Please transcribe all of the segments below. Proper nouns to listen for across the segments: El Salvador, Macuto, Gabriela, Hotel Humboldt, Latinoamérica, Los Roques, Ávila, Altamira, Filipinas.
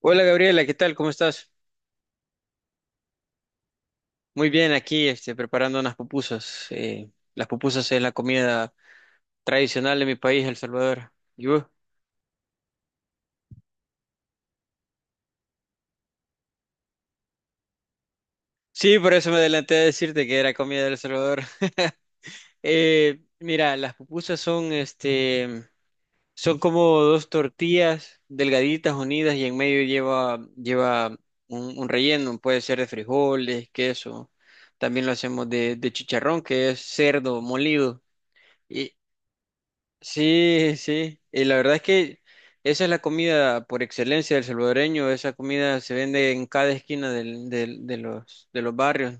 Hola Gabriela, ¿qué tal? ¿Cómo estás? Muy bien, aquí preparando unas pupusas. Las pupusas es la comida tradicional de mi país, El Salvador. ¿Y vos? Sí, por eso me adelanté a decirte que era comida de El Salvador. Mira, las pupusas son, son como dos tortillas delgaditas unidas y en medio lleva un relleno. Puede ser de frijoles, queso. También lo hacemos de chicharrón, que es cerdo molido. Sí, sí, y la verdad es que esa es la comida por excelencia del salvadoreño. Esa comida se vende en cada esquina de los barrios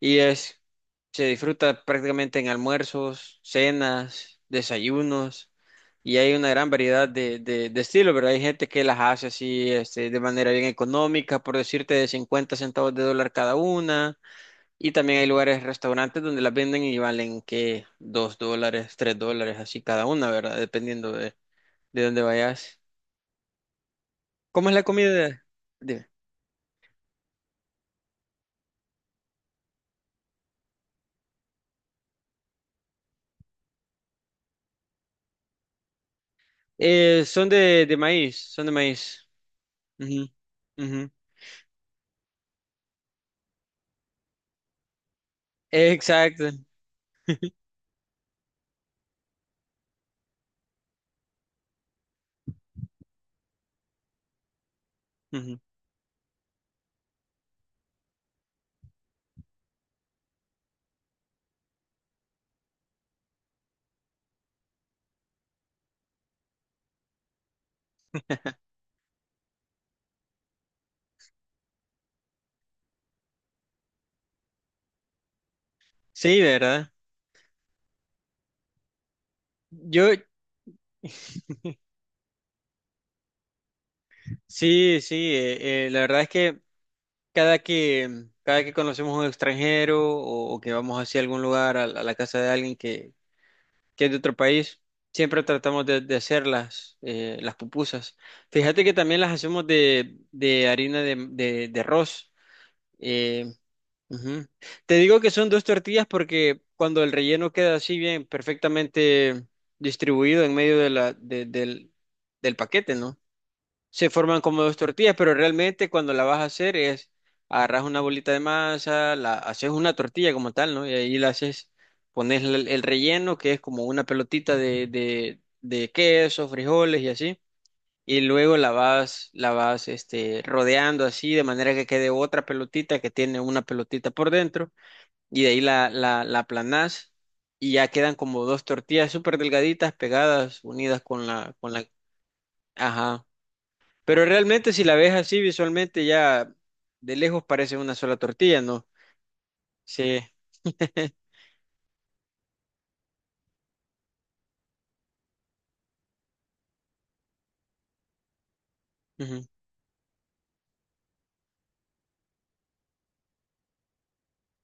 y es, se disfruta prácticamente en almuerzos, cenas, desayunos, y hay una gran variedad de estilos, ¿verdad? Hay gente que las hace así, de manera bien económica, por decirte, de 50 centavos de dólar cada una. Y también hay lugares, restaurantes donde las venden y valen que $2, $3, así cada una, ¿verdad? Dependiendo de dónde vayas. ¿Cómo es la comida? Dime. Son de maíz, son de maíz. Ujú, ujú. Exacto. Ujú. Sí, ¿verdad? Yo, sí, sí, la verdad es que cada que conocemos a un extranjero, o que vamos hacia algún lugar, a la casa de alguien que es de otro país, siempre tratamos de hacer las pupusas. Fíjate que también las hacemos de harina de arroz. Eh, Ujú. Te digo que son dos tortillas porque cuando el relleno queda así bien, perfectamente distribuido en medio de la, de- del, del paquete, ¿no? Se forman como dos tortillas, pero realmente cuando la vas a hacer es: agarras una bolita de masa, la haces una tortilla como tal, ¿no? Y ahí la haces, pones el relleno, que es como una pelotita de queso, frijoles y así. Y luego la vas, rodeando así, de manera que quede otra pelotita que tiene una pelotita por dentro. Y de ahí la aplanás y ya quedan como dos tortillas súper delgaditas pegadas, unidas con la. Ajá. Pero realmente si la ves así visualmente, ya de lejos parece una sola tortilla, ¿no? Sí. Ujú.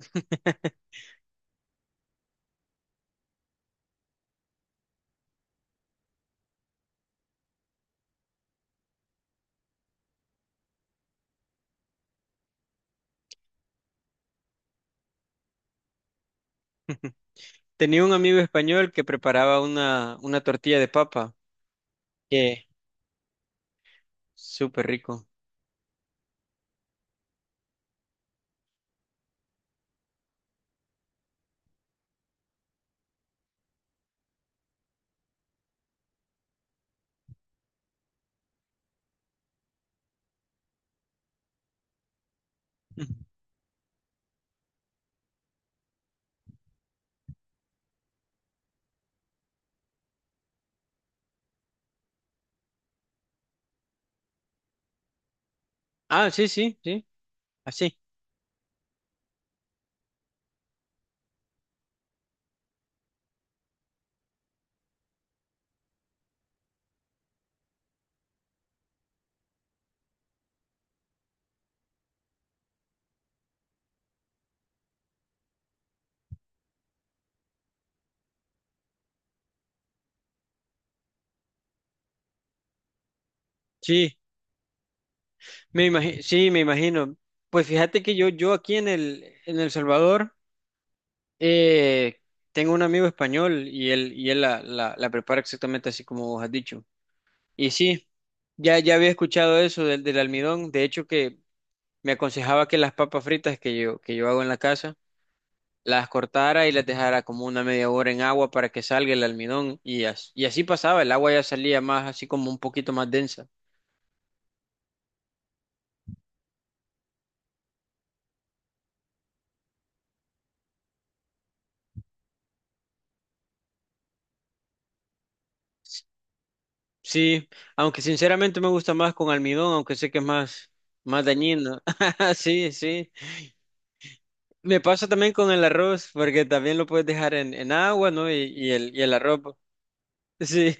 Tenía un amigo español que preparaba una tortilla de papa, que súper rico. Ujú. Ah, sí, sí, sí, así. Sí, sí, me imagino. Pues fíjate que yo aquí en El Salvador eh, tengo un amigo español, y él la prepara exactamente así como vos has dicho. Y sí, ya había escuchado eso del almidón. De hecho, que me aconsejaba que las papas fritas que yo hago en la casa, las cortara y las dejara como una media hora en agua para que salga el almidón. Y, as- y así pasaba, el agua ya salía más, así como un poquito más densa. Sí, aunque sinceramente me gusta más con almidón, aunque sé que es más, más dañino. Sí, sí. Me pasa también con el arroz, porque también lo puedes dejar en agua, ¿no? Y el arroz, pues. Sí.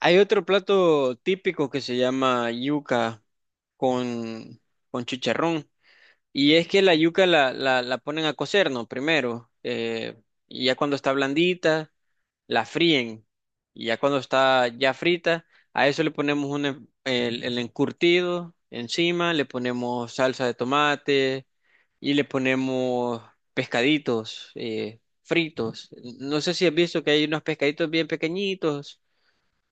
Hay otro plato típico que se llama yuca con, con chicharrón. Y es que la yuca la ponen a cocer, ¿no? Primero. Y ya cuando está blandita, la fríen. Y ya cuando está ya frita, a eso le ponemos el encurtido encima, le ponemos salsa de tomate y le ponemos pescaditos fritos. No sé si has visto que hay unos pescaditos bien pequeñitos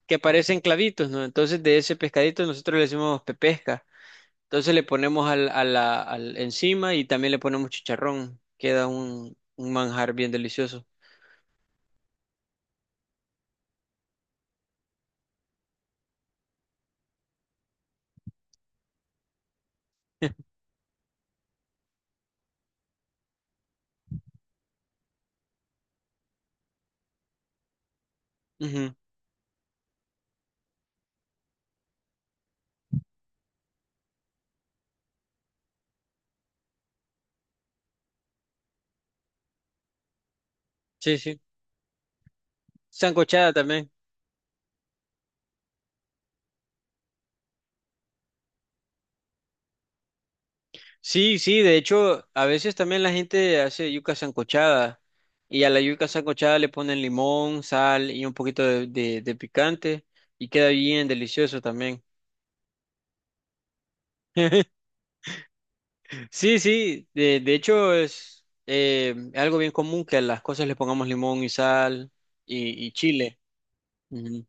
que parecen clavitos, ¿no? Entonces de ese pescadito nosotros le decimos pepesca. Entonces le ponemos al, a la, al encima y también le ponemos chicharrón. Queda un manjar bien delicioso. Ujú. Sí, sí. Sancochada también. Sí, sí, de hecho, a veces también la gente hace yuca sancochada y a la yuca sancochada le ponen limón, sal y un poquito de picante y queda bien delicioso también. Sí, sí, de hecho es, algo bien común que a las cosas le pongamos limón y sal y chile. Ujú.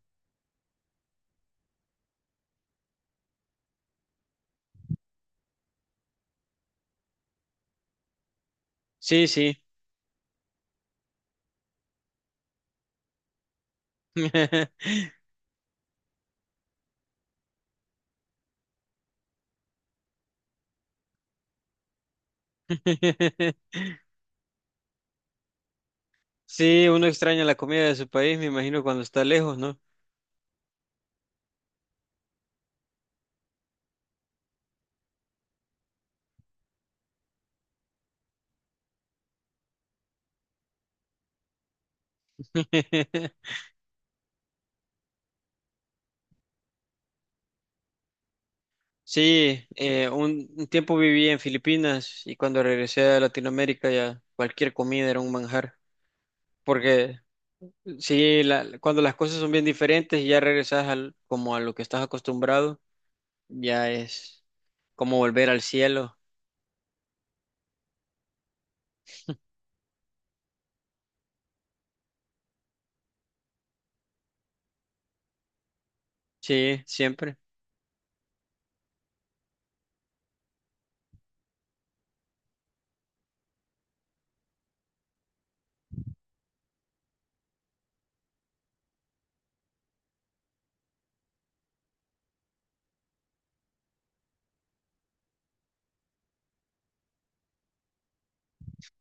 Sí, sí. Sí, uno extraña la comida de su país, me imagino, cuando está lejos, ¿no? Sí, un tiempo viví en Filipinas y cuando regresé a Latinoamérica ya cualquier comida era un manjar, porque sí, la- cuando las cosas son bien diferentes y ya regresas al, como a lo que estás acostumbrado, ya es como volver al cielo. Sí, siempre.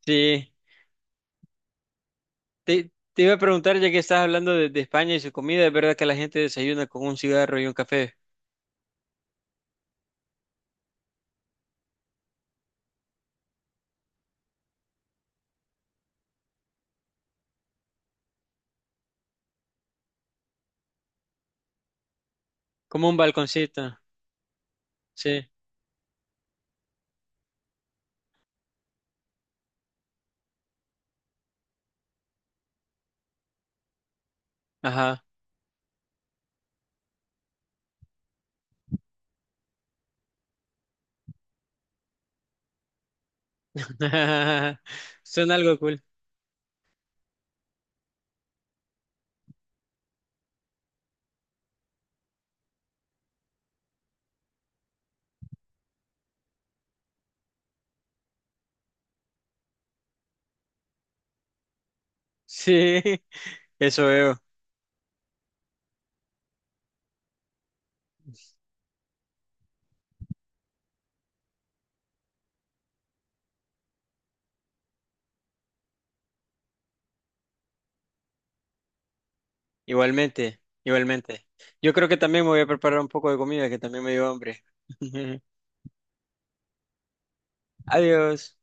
Sí. Te iba a preguntar, ya que estás hablando de España y su comida, ¿es verdad que la gente desayuna con un cigarro y un café? Como un balconcito. Sí. Ajá. Suena algo cool. Sí, eso veo. Igualmente, igualmente. Yo creo que también me voy a preparar un poco de comida, que también me dio hambre. Adiós.